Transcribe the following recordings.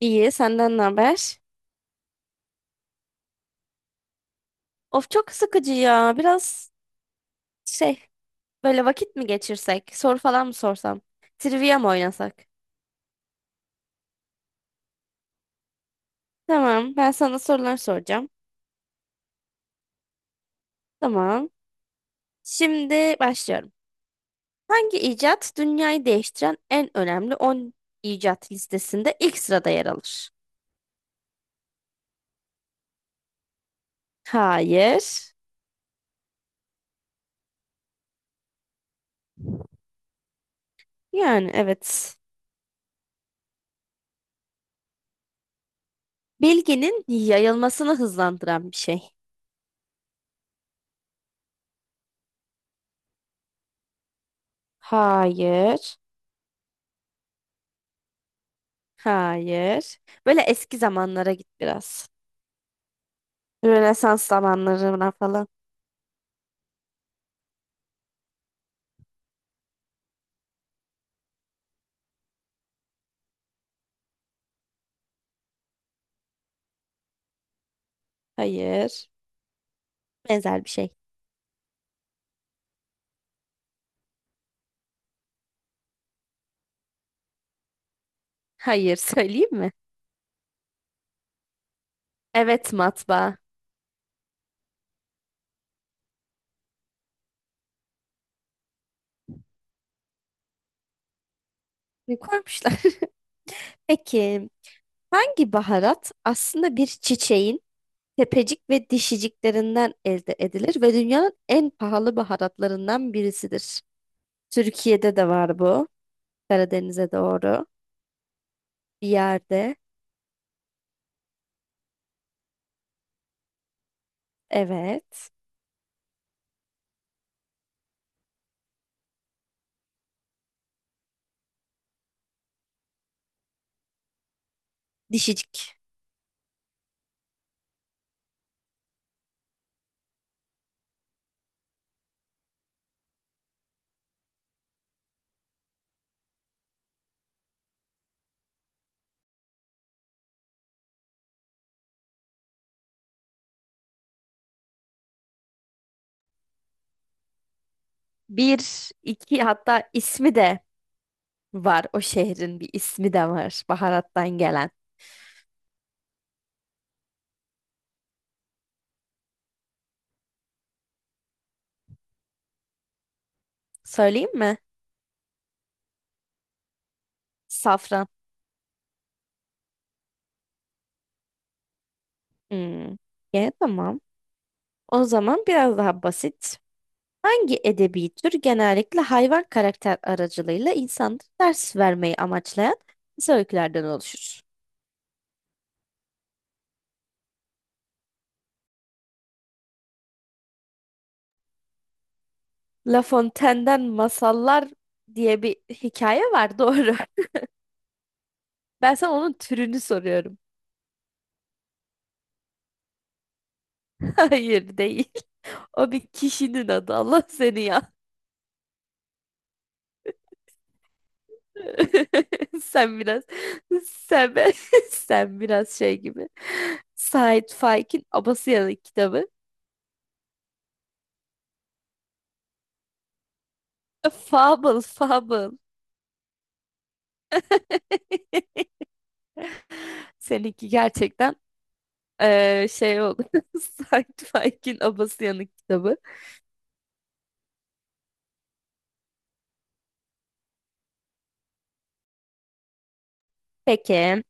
İyi, senden ne haber? Of çok sıkıcı ya. Biraz şey, böyle vakit mi geçirsek? Soru falan mı sorsam? Trivia mı oynasak? Tamam, ben sana sorular soracağım. Tamam. Şimdi başlıyorum. Hangi icat dünyayı değiştiren en önemli 10 icat listesinde ilk sırada yer alır? Hayır. Yani evet. Bilginin yayılmasını hızlandıran bir şey. Hayır. Hayır. Böyle eski zamanlara git biraz. Rönesans zamanlarına falan. Hayır. Benzer bir şey. Hayır söyleyeyim mi? Evet matbaa. Ne koymuşlar? Peki hangi baharat aslında bir çiçeğin tepecik ve dişiciklerinden elde edilir ve dünyanın en pahalı baharatlarından birisidir? Türkiye'de de var bu. Karadeniz'e doğru. Bir yerde. Evet. Dişicik. Bir, iki hatta ismi de var. O şehrin bir ismi de var baharattan gelen. Söyleyeyim mi? Safran. Hmm. Yani tamam. O zaman biraz daha basit. Hangi edebi tür genellikle hayvan karakter aracılığıyla insanlara ders vermeyi amaçlayan kısa öykülerden oluşur? La Fontaine'den Masallar diye bir hikaye var doğru. Ben sana onun türünü soruyorum. Hayır değil. O bir kişinin adı. Allah seni ya. Sen biraz sen, sen biraz şey gibi. Sait Faik'in Abasıyalı kitabı. Fable, fable. Seninki gerçekten şey oldu. Sci-fi'nin abası yanık kitabı. Peki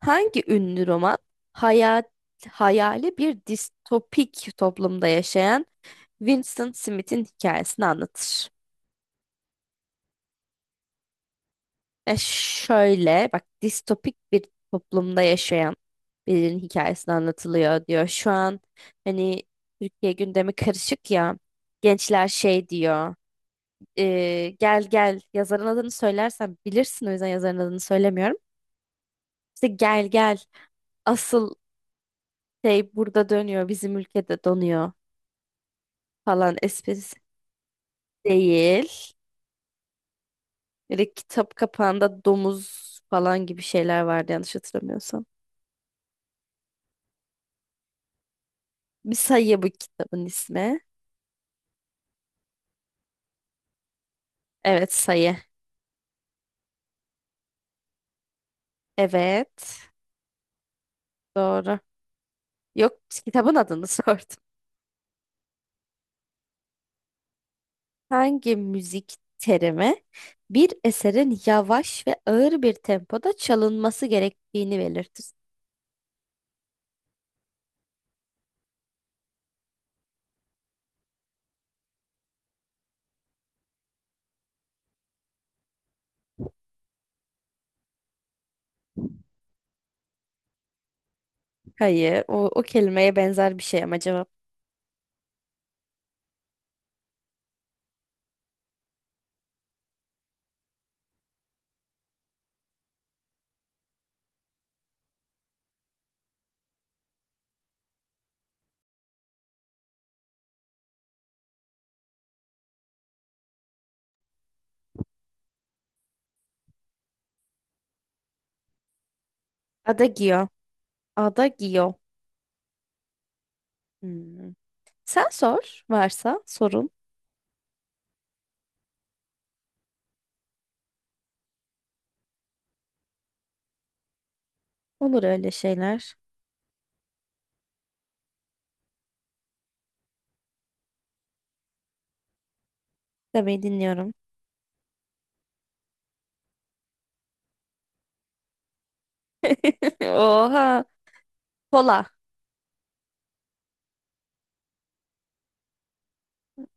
hangi ünlü roman hayal, hayali bir distopik toplumda yaşayan Winston Smith'in hikayesini anlatır? E şöyle bak distopik bir toplumda yaşayan birinin hikayesini anlatılıyor diyor. Şu an hani Türkiye gündemi karışık ya gençler şey diyor. Gel Gel yazarın adını söylersem bilirsin o yüzden yazarın adını söylemiyorum. İşte Gel Gel asıl şey burada dönüyor bizim ülkede donuyor falan esprisi değil. Böyle kitap kapağında domuz falan gibi şeyler vardı yanlış hatırlamıyorsam. Bir sayı bu kitabın ismi. Evet sayı. Evet doğru. Yok kitabın adını sordum. Hangi müzik terimi bir eserin yavaş ve ağır bir tempoda çalınması gerektiğini belirtir? Hayır, o kelimeye benzer bir şey ama cevap. Adagio. Adagio. Hmm. Sen sor varsa sorun. Olur öyle şeyler. Demeyi dinliyorum. Oha. Kola.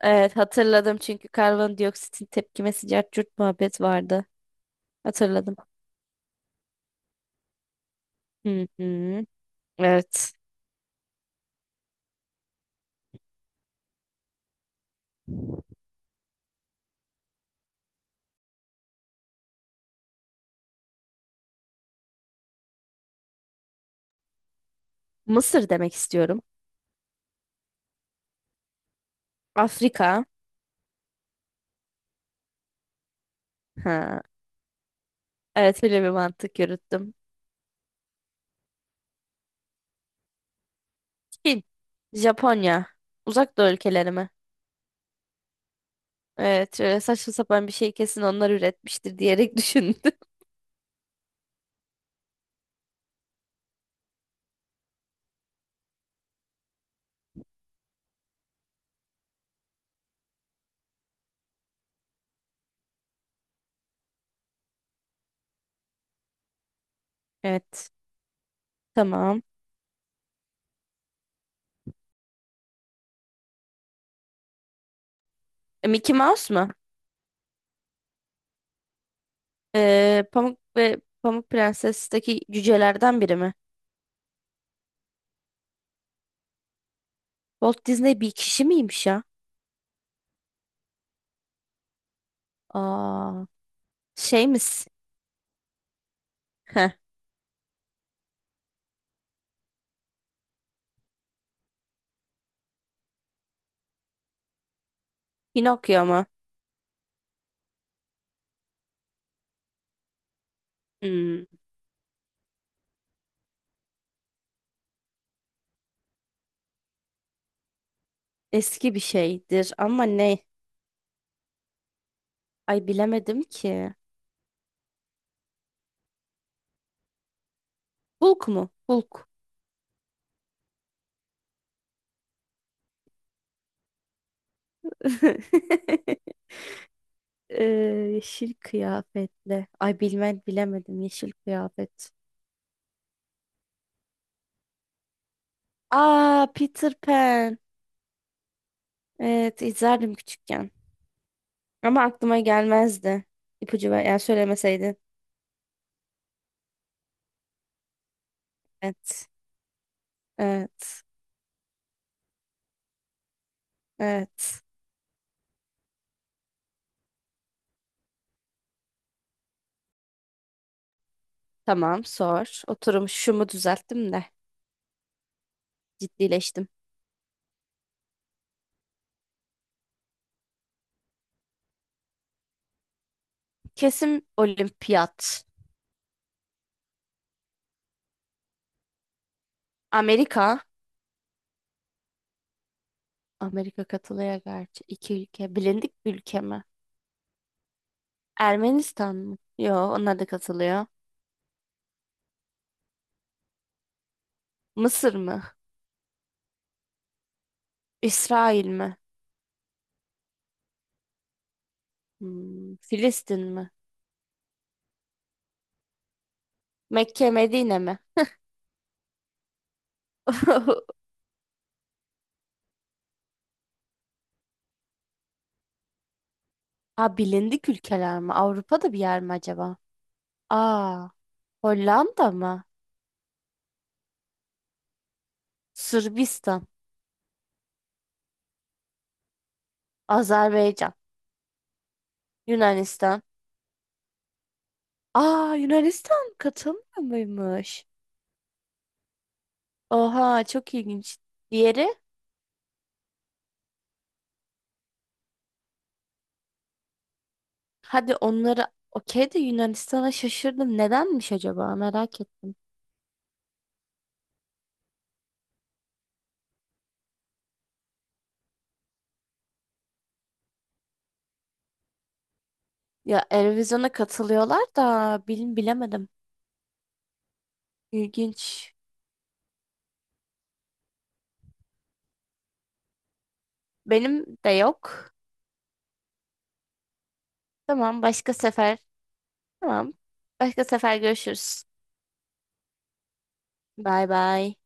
Evet hatırladım çünkü karbondioksitin tepkimesi cart curt muhabbet vardı. Hatırladım. Hı hı. Evet. Mısır demek istiyorum. Afrika. Ha. Evet böyle bir mantık yürüttüm. Çin. Japonya. Uzak Doğu ülkeleri mi? Evet şöyle saçma sapan bir şey kesin onlar üretmiştir diyerek düşündüm. Evet. Tamam. Mickey Mouse mu? Pamuk ve Pamuk Prenses'teki cücelerden biri mi? Walt Disney bir kişi miymiş ya? Aa, şey misin? Pinokyo mu? Hmm, eski bir şeydir ama ne? Ay bilemedim ki. Hulk mu? Hulk. Ee, yeşil kıyafetle. Ay bilmem bilemedim yeşil kıyafet. Aa Peter Pan. Evet izlerdim küçükken. Ama aklıma gelmezdi. İpucu ver, yani söylemeseydin. Evet. Evet. Evet. Tamam sor. Oturum şumu düzelttim de ciddileştim. Kesim olimpiyat. Amerika. Amerika katılıyor gerçi. İki ülke. Bilindik bir ülke mi? Ermenistan mı? Yo, onlar da katılıyor. Mısır mı? İsrail mi? Filistin mi? Mekke, Medine mi? Aa, bilindik ülkeler mi? Avrupa'da bir yer mi acaba? Aa, Hollanda mı? Sırbistan, Azerbaycan, Yunanistan. Aa, Yunanistan katılmıyor muymuş? Oha, çok ilginç. Diğeri? Hadi onları okey de Yunanistan'a şaşırdım. Nedenmiş acaba? Merak ettim. Ya Eurovision'a katılıyorlar da bilemedim. İlginç. Benim de yok. Tamam başka sefer. Tamam. Başka sefer görüşürüz. Bay bay.